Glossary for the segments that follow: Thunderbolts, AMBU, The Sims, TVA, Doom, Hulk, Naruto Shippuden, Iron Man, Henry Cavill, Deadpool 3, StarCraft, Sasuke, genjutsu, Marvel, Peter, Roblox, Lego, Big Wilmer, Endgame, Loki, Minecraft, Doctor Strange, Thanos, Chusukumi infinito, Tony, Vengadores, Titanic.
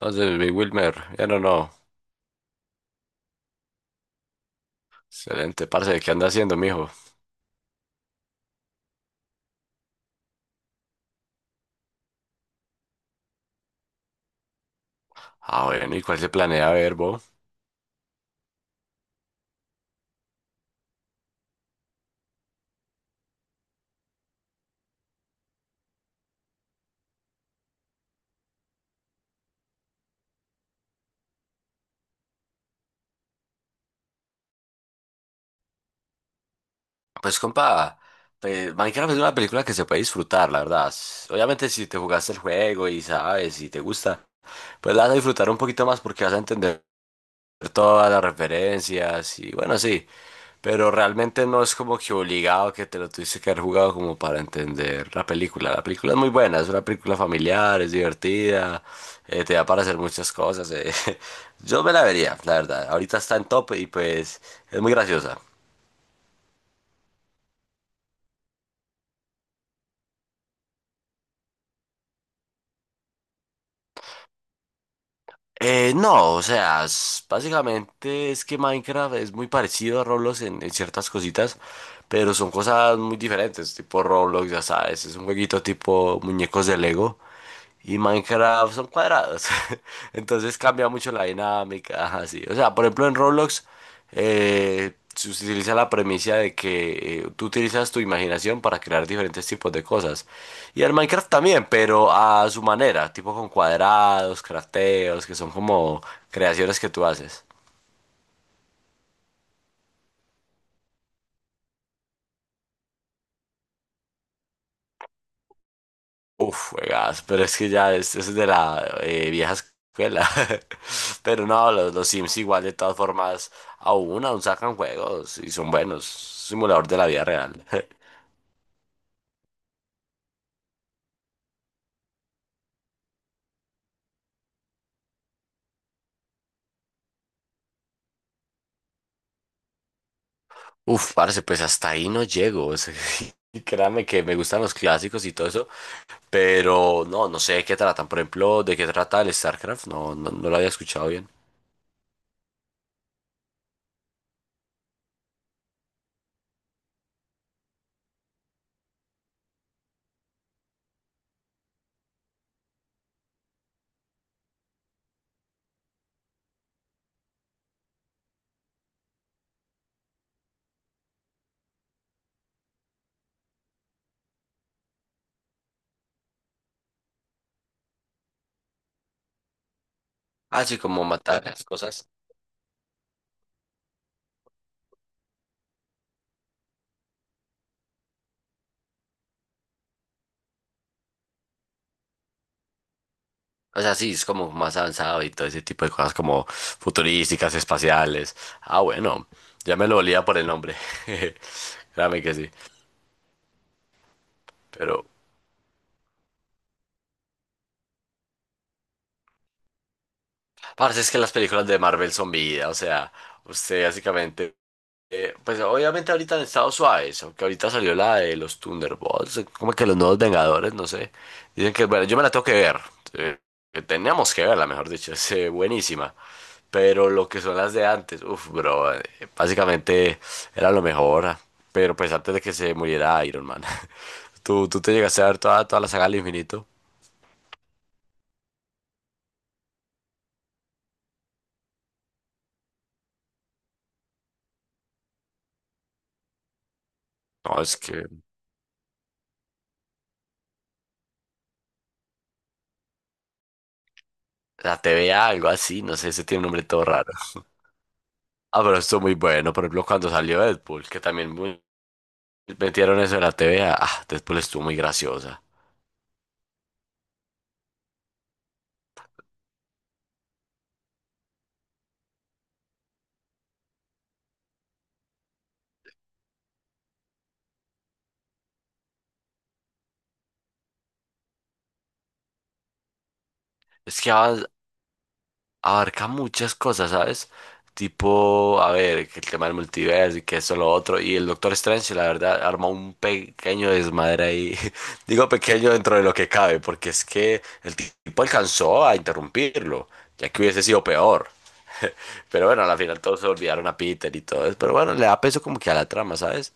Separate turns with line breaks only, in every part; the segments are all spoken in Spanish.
Entonces, Big Wilmer, ya no, no. Excelente, parce, ¿qué anda haciendo, mijo? Ah, bueno, ¿y cuál se planea ver, bo? Pues, compa, pues, Minecraft es una película que se puede disfrutar, la verdad. Obviamente, si te jugaste el juego y sabes, y te gusta, pues la vas a disfrutar un poquito más porque vas a entender todas las referencias y, bueno, sí. Pero realmente no es como que obligado que te lo tuviste que haber jugado como para entender la película. La película es muy buena, es una película familiar, es divertida, te da para hacer muchas cosas. Yo me la vería, la verdad. Ahorita está en top y pues es muy graciosa. No, o sea, básicamente es que Minecraft es muy parecido a Roblox en ciertas cositas, pero son cosas muy diferentes, tipo Roblox, ya sabes, es un jueguito tipo muñecos de Lego. Y Minecraft son cuadrados. Entonces cambia mucho la dinámica. Ajá, sí. O sea, por ejemplo, en Roblox se utiliza la premisa de que tú utilizas tu imaginación para crear diferentes tipos de cosas. Y en Minecraft también, pero a su manera, tipo con cuadrados, crafteos, que son como creaciones que tú haces. Uf, juegas, pero es que ya es de la vieja escuela. Pero no, los Sims igual de todas formas aún sacan juegos y son buenos. Simulador de la vida real. Uf, parce, pues hasta ahí no llego. O sea, y créame que me gustan los clásicos y todo eso, pero no, no sé de qué tratan. Por ejemplo, ¿de qué trata el StarCraft? No, no, no lo había escuchado bien. Ah, sí, como matar las cosas. O sea, sí, es como más avanzado y todo ese tipo de cosas como futurísticas, espaciales. Ah, bueno, ya me lo olía por el nombre. Créame que sí. Pero, parce, es que las películas de Marvel son vida. O sea, usted básicamente pues obviamente ahorita han estado suaves, aunque ahorita salió la de los Thunderbolts, como que los nuevos Vengadores, no sé. Dicen que, bueno, yo me la tengo que ver. eh, que teníamos que verla, mejor dicho, es buenísima. Pero lo que son las de antes, uff, bro, básicamente era lo mejor. Pero pues antes de que se muriera Iron Man. ¿Tú te llegaste a ver toda, toda la saga del infinito? No, es que la TVA, algo así, no sé, ese tiene un nombre todo raro. Ah, pero esto es muy bueno. Por ejemplo, cuando salió Deadpool, que también muy metieron eso en la T TV, ah, ah, Deadpool estuvo muy graciosa. Es que abarca muchas cosas, ¿sabes? Tipo, a ver, que el tema del multiverso y que eso, lo otro. Y el Doctor Strange, la verdad, arma un pequeño desmadre ahí. Digo pequeño dentro de lo que cabe, porque es que el tipo alcanzó a interrumpirlo, ya que hubiese sido peor. Pero bueno, al final todos se olvidaron a Peter y todo eso. Pero bueno, le da peso como que a la trama, ¿sabes?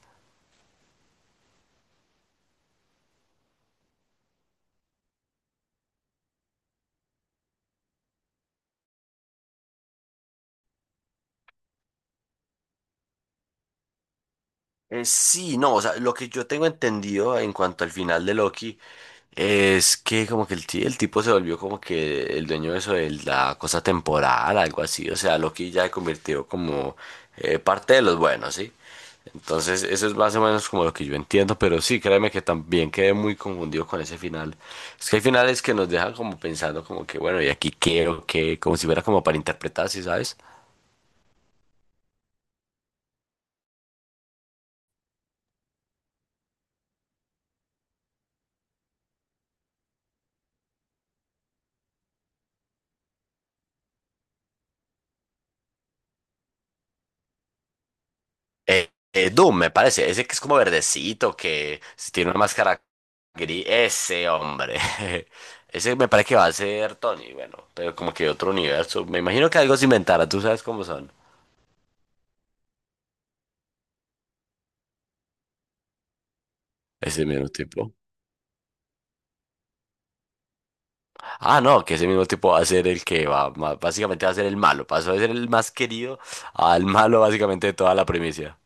Sí, no, o sea, lo que yo tengo entendido en cuanto al final de Loki es que como que el, el tipo se volvió como que el dueño de eso de la cosa temporal, algo así. O sea, Loki ya se convirtió como parte de los buenos, ¿sí? Entonces, eso es más o menos como lo que yo entiendo, pero sí, créeme que también quedé muy confundido con ese final. Es que hay finales que nos dejan como pensando como que, bueno, ¿y aquí qué o qué? Como si fuera como para interpretar, ¿sí sabes? Doom, me parece. Ese que es como verdecito, que si tiene una máscara gris. Ese hombre. Ese me parece que va a ser Tony, bueno, pero como que otro universo. Me imagino que algo se inventará, tú sabes cómo son. Ese mismo tipo. Ah, no, que ese mismo tipo va a ser el que va, básicamente va a ser el malo. Pasó de ser el más querido al malo básicamente de toda la primicia.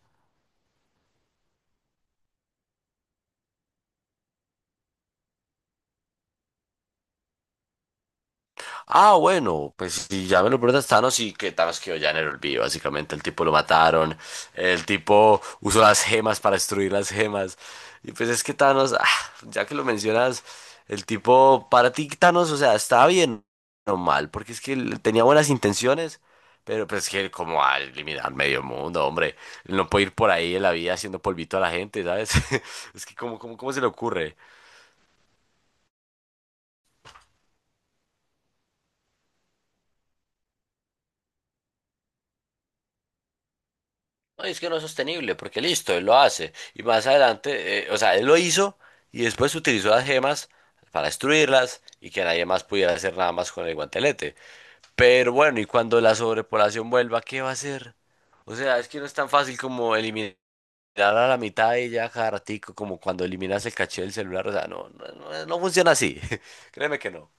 Ah, bueno, pues si ya me lo preguntas, Thanos y que Thanos quedó ya en el olvido, básicamente el tipo lo mataron, el tipo usó las gemas para destruir las gemas, y pues es que Thanos, ah, ya que lo mencionas, el tipo, para ti Thanos, o sea, estaba bien o mal, porque es que él tenía buenas intenciones, pero pues es que él como va a eliminar medio mundo, hombre, él no puede ir por ahí en la vida haciendo polvito a la gente, ¿sabes? Es que como, como, ¿cómo se le ocurre? No, y es que no es sostenible, porque listo, él lo hace. Y más adelante, o sea, él lo hizo y después utilizó las gemas para destruirlas y que nadie más pudiera hacer nada más con el guantelete. Pero bueno, y cuando la sobrepoblación vuelva, ¿qué va a hacer? O sea, es que no es tan fácil como eliminar a la mitad y ya cada ratico, como cuando eliminas el caché del celular. O sea, no, no, no funciona así. Créeme que no.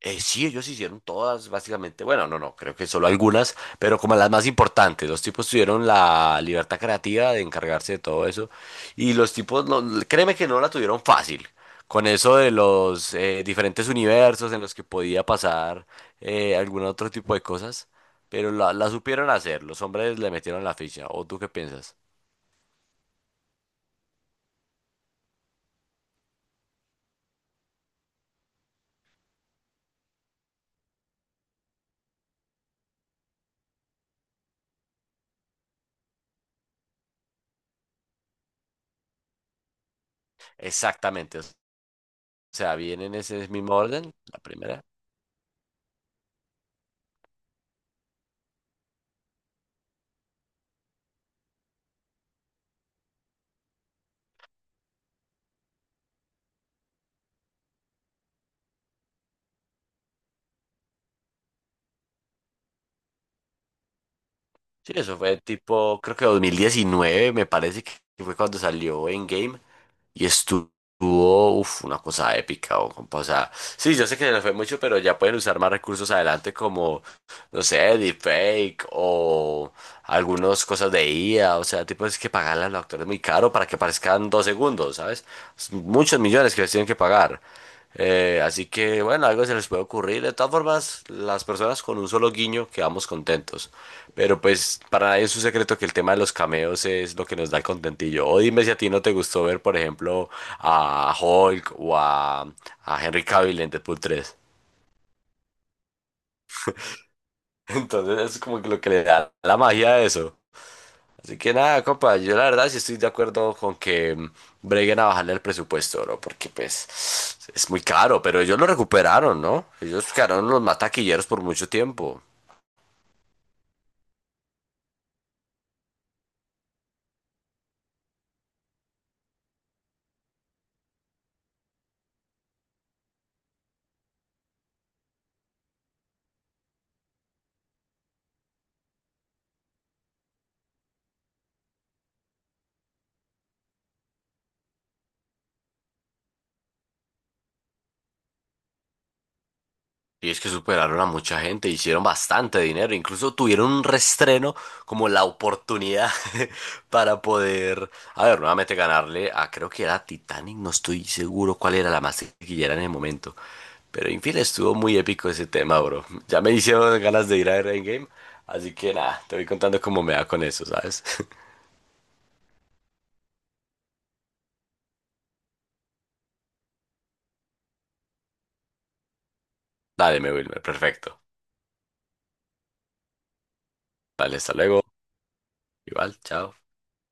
Sí, ellos hicieron todas, básicamente. Bueno, no, no, creo que solo algunas, pero como las más importantes. Los tipos tuvieron la libertad creativa de encargarse de todo eso. Y los tipos, no, créeme que no la tuvieron fácil. Con eso de los diferentes universos en los que podía pasar algún otro tipo de cosas. Pero la supieron hacer. Los hombres le metieron la ficha. ¿O tú qué piensas? Exactamente. O sea, viene en ese mismo orden, la primera. Sí, eso fue tipo, creo que 2019, me parece que fue cuando salió en game y estuvo, uf, una cosa épica, o, compa, o sea, sí, yo sé que se les fue mucho, pero ya pueden usar más recursos adelante como, no sé, deepfake o algunas cosas de IA, o sea, tipo, es que pagarle a los actores muy caro para que aparezcan 2 segundos, ¿sabes? Es muchos millones que les tienen que pagar. Así que bueno, algo se les puede ocurrir. De todas formas, las personas con un solo guiño quedamos contentos. Pero pues para nadie es un secreto que el tema de los cameos es lo que nos da el contentillo. O dime si a ti no te gustó ver, por ejemplo, a Hulk o a Henry Cavill en Deadpool 3. Entonces es como que lo que le da la magia a eso. Así que nada, compa, yo la verdad sí estoy de acuerdo con que mm, breguen a bajarle el presupuesto, no porque pues es muy caro, pero ellos lo recuperaron, ¿no? Ellos quedaron los mataquilleros por mucho tiempo. Y es que superaron a mucha gente, hicieron bastante dinero, incluso tuvieron un restreno como la oportunidad para poder, a ver, nuevamente ganarle a, creo que era Titanic, no estoy seguro cuál era la más taquillera en el momento. Pero en fin, estuvo muy épico ese tema, bro. Ya me hicieron ganas de ir a ver Endgame, así que nada, te voy contando cómo me va con eso, ¿sabes? Dale, mi Wilmer, perfecto. Vale, hasta luego. Igual, chao.